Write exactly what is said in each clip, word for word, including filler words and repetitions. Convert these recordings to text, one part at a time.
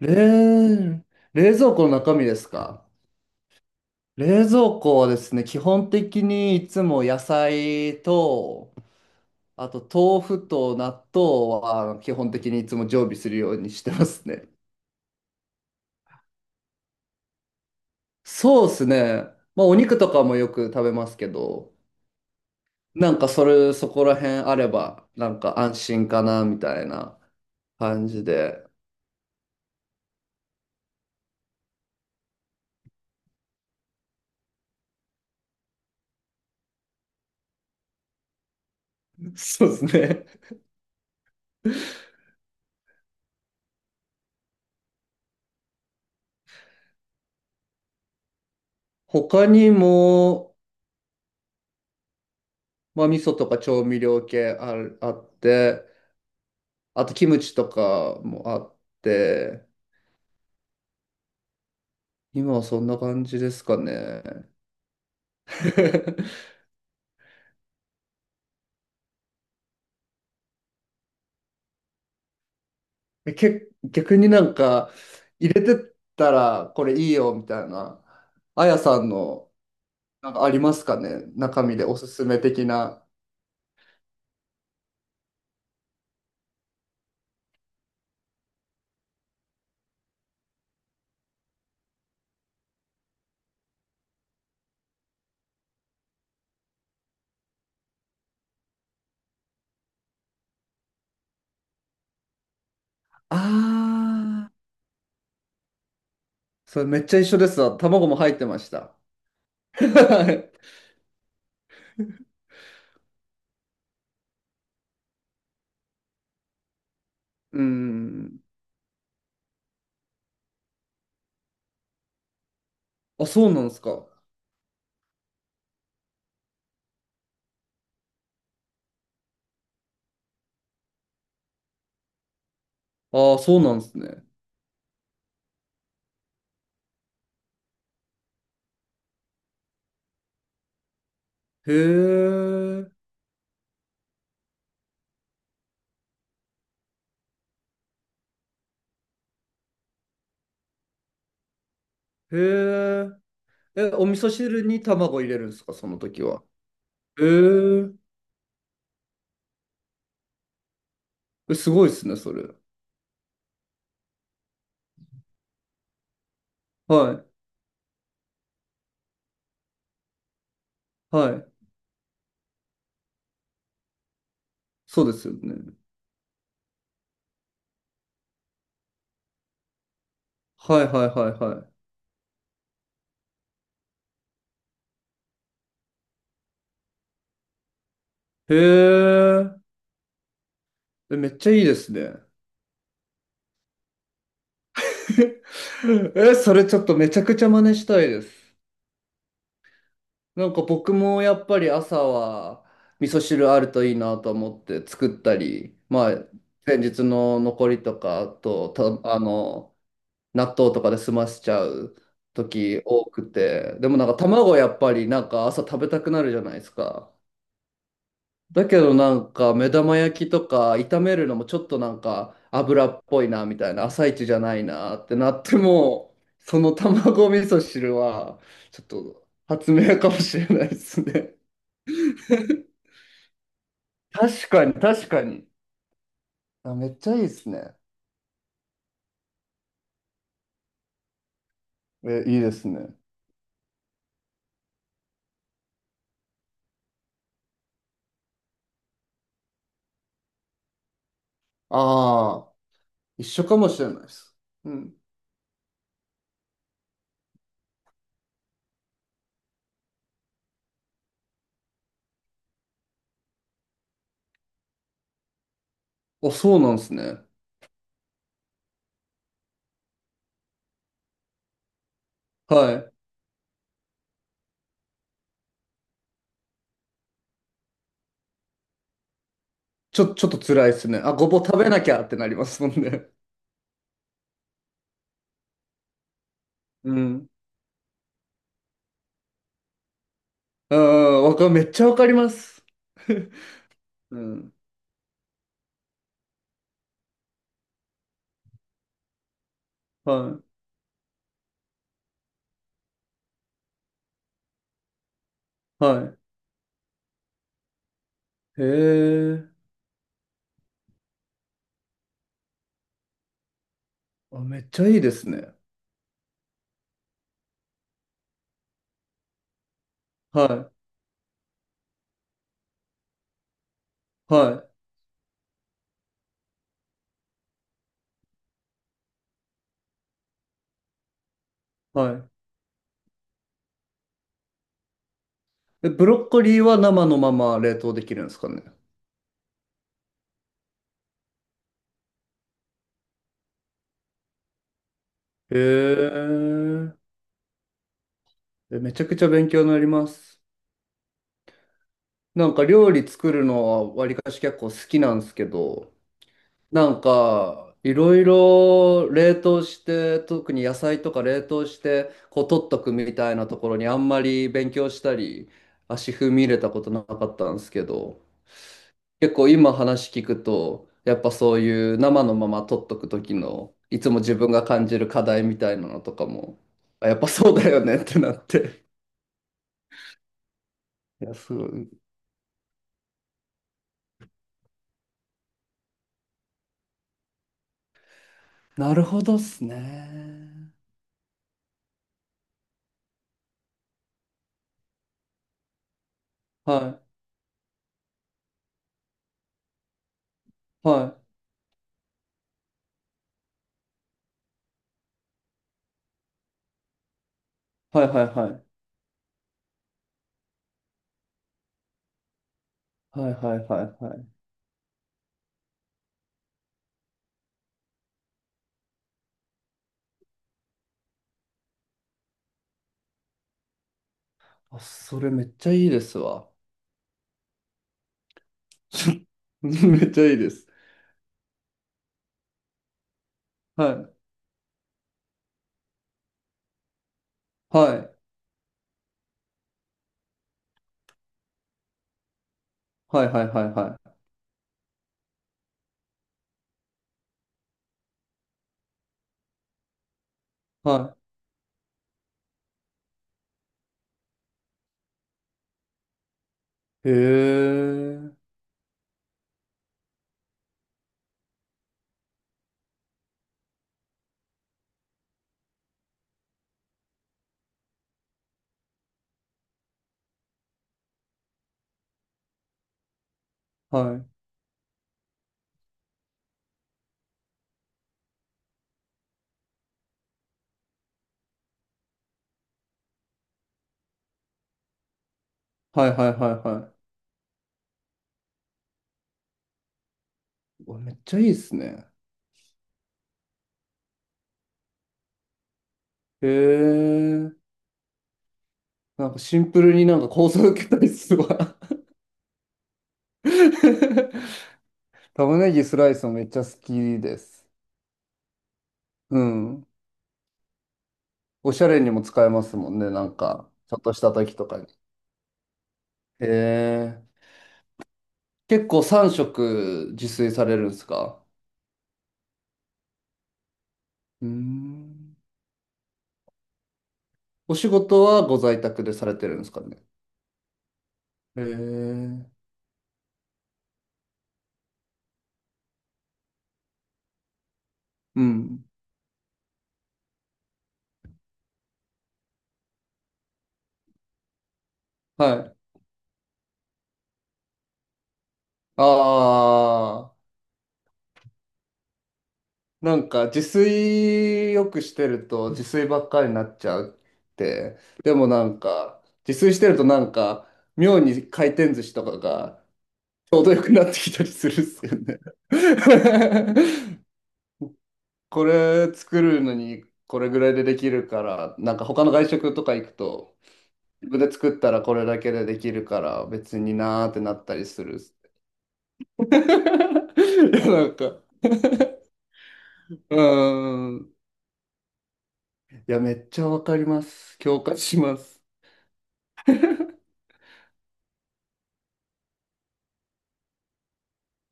冷、冷蔵庫の中身ですか？冷蔵庫はですね、基本的にいつも野菜と、あと豆腐と納豆は基本的にいつも常備するようにしてますね。そうですね。まあお肉とかもよく食べますけど、なんかそれ、そこら辺あれば、なんか安心かなみたいな感じで。そうですね。他にも、まあ味噌とか調味料系ある、あって、あとキムチとかもあって、今はそんな感じですかね。け、逆になんか入れてったらこれいいよみたいな、あやさんのなんかありますかね中身でおすすめ的な。ああ、それめっちゃ一緒ですわ。卵も入ってました。はい、うん。あ、そうなんですか。ああ、そうなんですね。へえ、へえ。え、お味噌汁に卵入れるんですか、その時は。えー、えすごいですね、それ。はい、はい。そうですよね。はい、はい、はい、はい。へえ、えめっちゃいいですね。え、それちょっとめちゃくちゃ真似したいです。なんか僕もやっぱり朝は味噌汁あるといいなと思って作ったり、まあ、前日の残りとか、あと、た、あの、納豆とかで済ませちゃう時多くて、でもなんか卵やっぱりなんか朝食べたくなるじゃないですか。だけどなんか目玉焼きとか炒めるのもちょっとなんか油っぽいなみたいな朝一じゃないなってなってもその卵味噌汁はちょっと発明かもしれないですね。確かに確かに。あ、めっちゃいいですね。え、いいですね。ああ、一緒かもしれないです。うん。お、そうなんですね。はい。ちょ、ちょっと辛いですね。あ、ごぼう食べなきゃってなりますもんね。うん。うん、わか、めっちゃわかります。うん。はい、はい。へえ。あ、めっちゃいいですね。はい、はい、はい。え、ブロッコリーは生のまま冷凍できるんですかね。へえ。え、めちゃくちゃ勉強になります。なんか料理作るのはわりかし結構好きなんですけど、なんかいろいろ冷凍して、特に野菜とか冷凍して、こう取っとくみたいなところにあんまり勉強したり、足踏み入れたことなかったんですけど、結構今話聞くと、やっぱそういう生のまま撮っとく時の、いつも自分が感じる課題みたいなのとかも、あやっぱそうだよねってなって。いや、すごい。なるほどっすね。はい。はい。はいはいはい。はいはいはいはい。あ、それめっちゃいいですわ。めっちゃいいです。はい。はい。はいはいはいはい。はい。へえ。はい。はいはいはいはい。うわめっちゃいいっすね。へえ。なんかシンプルになんか構想受けたりすごい 玉ねぎスライスもめっちゃ好きです。うん。おしゃれにも使えますもんね。なんか、ちょっとした時とかに。へえ。結構さん食自炊されるんですか？うーん。お仕事はご在宅でされてるんですかね。へえ。うん。はい。あ、なんか自炊よくしてると自炊ばっかりになっちゃうって。でもなんか自炊してるとなんか妙に回転寿司とかがちょうどよくなってきたりするっすよね。これ作るのにこれぐらいでできるから、なんか他の外食とか行くと自分で作ったらこれだけでできるから別になーってなったりするっす。いやなんか、うーん。いやめっちゃわかります。共感します。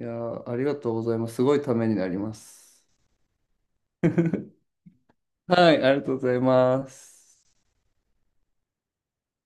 いやー、ありがとうございます。すごいためになります。はい、ありがとうございます。